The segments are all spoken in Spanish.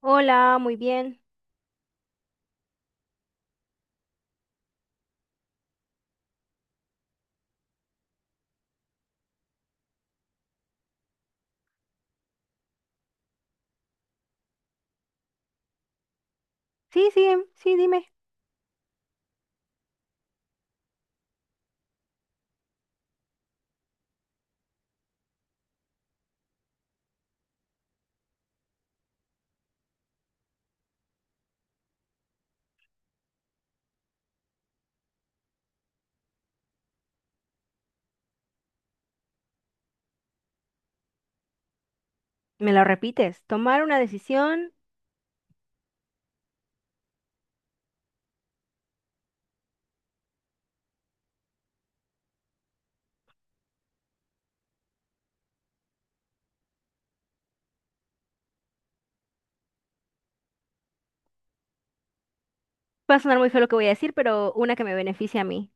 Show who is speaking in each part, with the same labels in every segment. Speaker 1: Hola, muy bien. Sí, sí, sí, dime. Me lo repites. Tomar una decisión. Va a sonar muy feo lo que voy a decir, pero una que me beneficie a mí.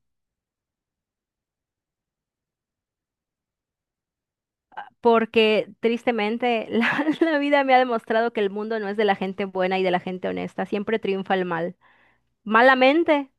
Speaker 1: Porque tristemente la vida me ha demostrado que el mundo no es de la gente buena y de la gente honesta. Siempre triunfa el mal. Malamente.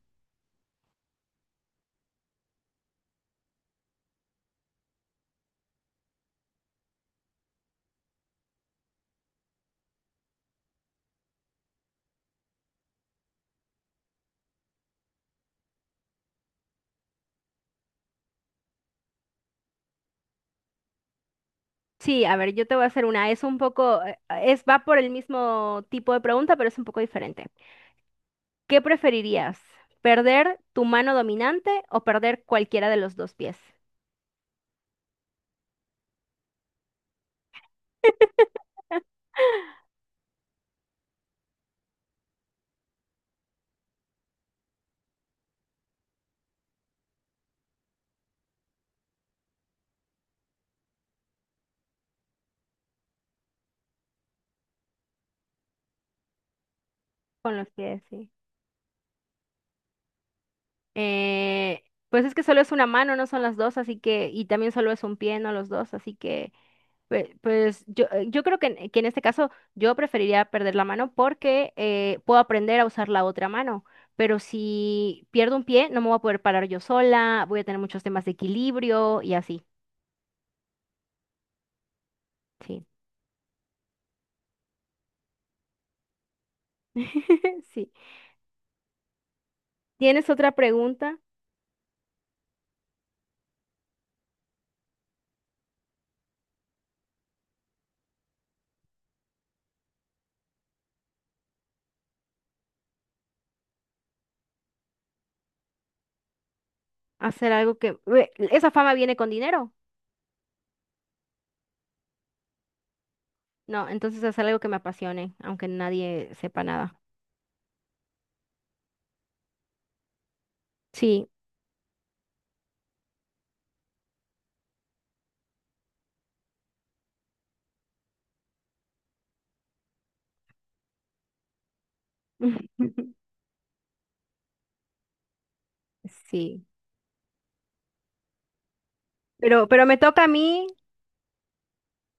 Speaker 1: Sí, a ver, yo te voy a hacer una. Es un poco, va por el mismo tipo de pregunta, pero es un poco diferente. ¿Qué preferirías? ¿Perder tu mano dominante o perder cualquiera de los dos pies? Con los pies, sí. Eh, pues es que solo es una mano, no son las dos, así que, y también solo es un pie, no los dos, así que, pues, yo creo que en este caso yo preferiría perder la mano porque puedo aprender a usar la otra mano, pero si pierdo un pie no me voy a poder parar yo sola, voy a tener muchos temas de equilibrio y así, sí. Sí. ¿Tienes otra pregunta? Hacer algo que. Ue, ¿esa fama viene con dinero? No, entonces hacer algo que me apasione, aunque nadie sepa nada. Sí. Sí, pero me toca a mí,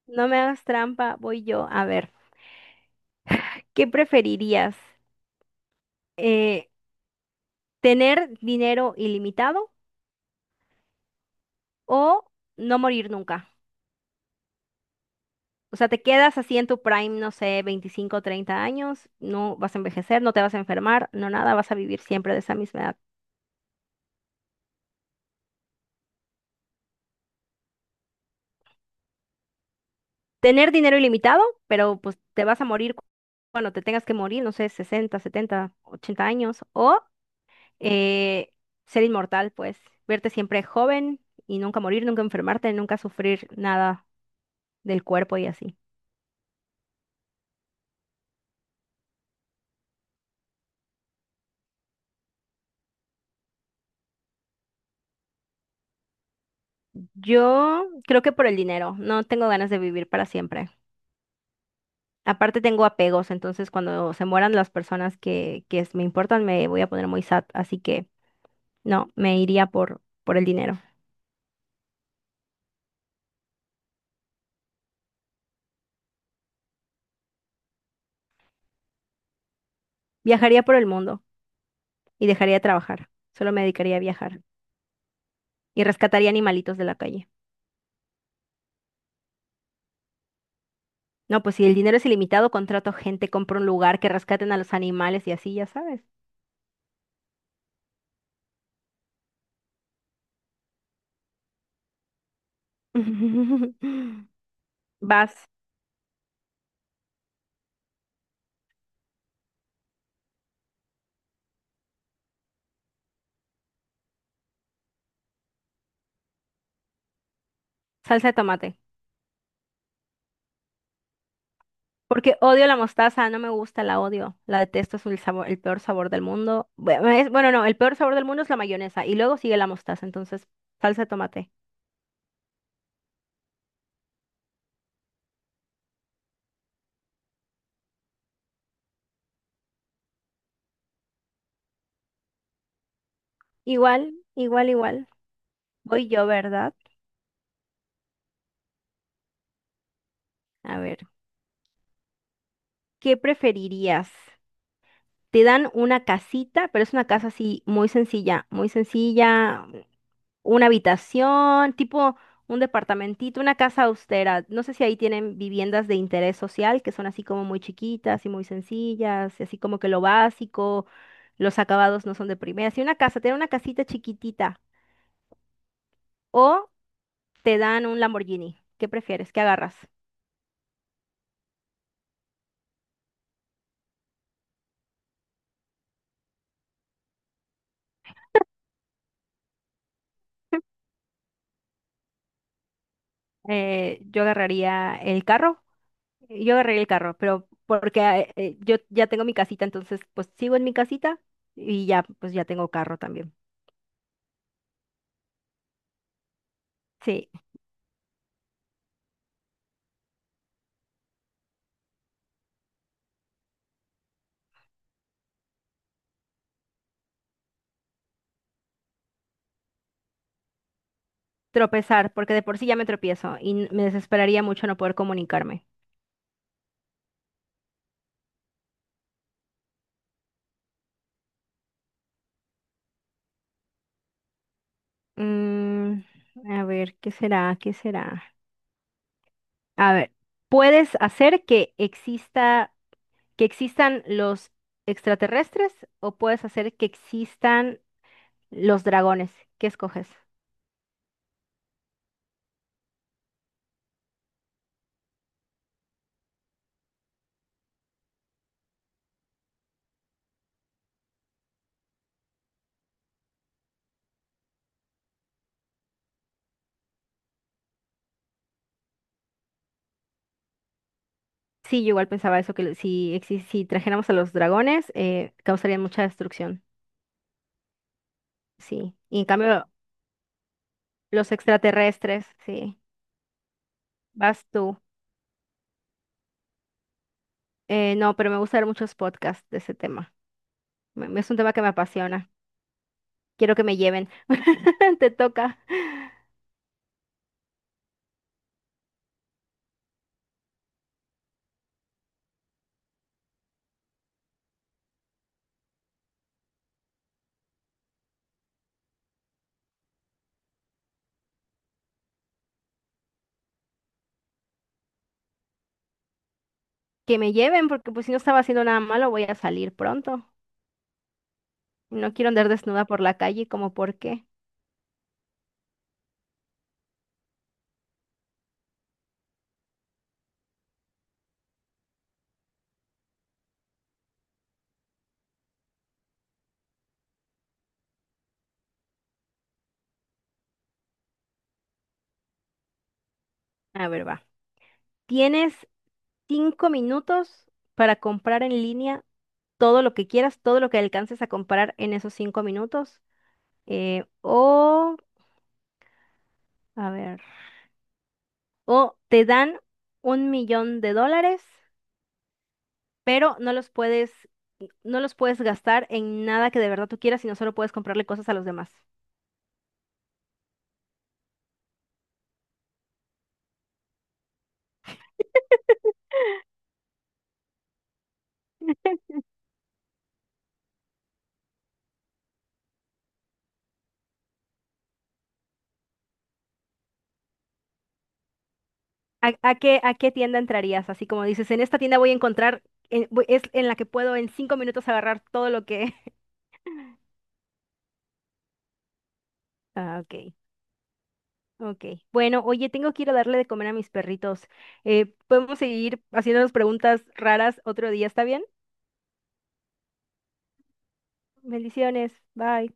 Speaker 1: no me hagas trampa, voy yo. A ver, ¿qué preferirías? Eh, ¿Tener dinero ilimitado o no morir nunca? O sea, te quedas así en tu prime, no sé, 25, o 30 años, no vas a envejecer, no te vas a enfermar, no nada, vas a vivir siempre de esa misma edad. Tener dinero ilimitado, pero pues te vas a morir cuando te tengas que morir, no sé, 60, 70, 80 años, o eh, ser inmortal, pues, verte siempre joven y nunca morir, nunca enfermarte, nunca sufrir nada del cuerpo y así. Yo creo que por el dinero, no tengo ganas de vivir para siempre. Aparte tengo apegos, entonces cuando se mueran las personas que me importan, me voy a poner muy sad, así que no, me iría por el dinero. Viajaría por el mundo y dejaría de trabajar, solo me dedicaría a viajar y rescataría animalitos de la calle. No, pues si el dinero es ilimitado, contrato gente, compro un lugar, que rescaten a los animales y así, ya sabes. Vas, salsa de tomate. Porque odio la mostaza, no me gusta, la odio. La detesto, es el sabor, el peor sabor del mundo. Bueno, no, el peor sabor del mundo es la mayonesa y luego sigue la mostaza, entonces salsa de tomate. Igual, igual, igual. Voy yo, ¿verdad? A ver, ¿qué preferirías? Te dan una casita, pero es una casa así muy sencilla, muy sencilla. Una habitación, tipo un departamentito, una casa austera. No sé si ahí tienen viviendas de interés social que son así como muy chiquitas y muy sencillas, y así como que lo básico, los acabados no son de primera. Si una casa, tiene una casita chiquitita o te dan un Lamborghini, ¿qué prefieres? ¿Qué agarras? Yo agarraría el carro. Yo agarraría el carro, pero porque yo ya tengo mi casita, entonces pues sigo en mi casita y ya pues ya tengo carro también. Sí. Tropezar, porque de por sí ya me tropiezo y me desesperaría mucho no poder comunicarme. Mm, a ver, ¿qué será? ¿Qué será? A ver, ¿puedes hacer que existan los extraterrestres o puedes hacer que existan los dragones? ¿Qué escoges? Sí, yo igual pensaba eso, que si trajéramos a los dragones, causarían mucha destrucción. Sí. Y en cambio, los extraterrestres, sí. Vas tú. No, pero me gusta ver muchos podcasts de ese tema. Es un tema que me apasiona. Quiero que me lleven. Te toca que me lleven porque pues si no estaba haciendo nada malo voy a salir pronto. No quiero andar desnuda por la calle como por qué. A ver, va. Tienes 5 minutos para comprar en línea todo lo que quieras, todo lo que alcances a comprar en esos 5 minutos. eh, o, a ver, o te dan un millón de dólares pero no los puedes gastar en nada que de verdad tú quieras, sino solo puedes comprarle cosas a los demás. ¿A qué tienda entrarías? Así como dices, en esta tienda voy a encontrar, es en la que puedo en 5 minutos agarrar todo lo que. Ah, ok. Ok. Bueno, oye, tengo que ir a darle de comer a mis perritos. Podemos seguir haciéndonos preguntas raras otro día, ¿está bien? Bendiciones. Bye.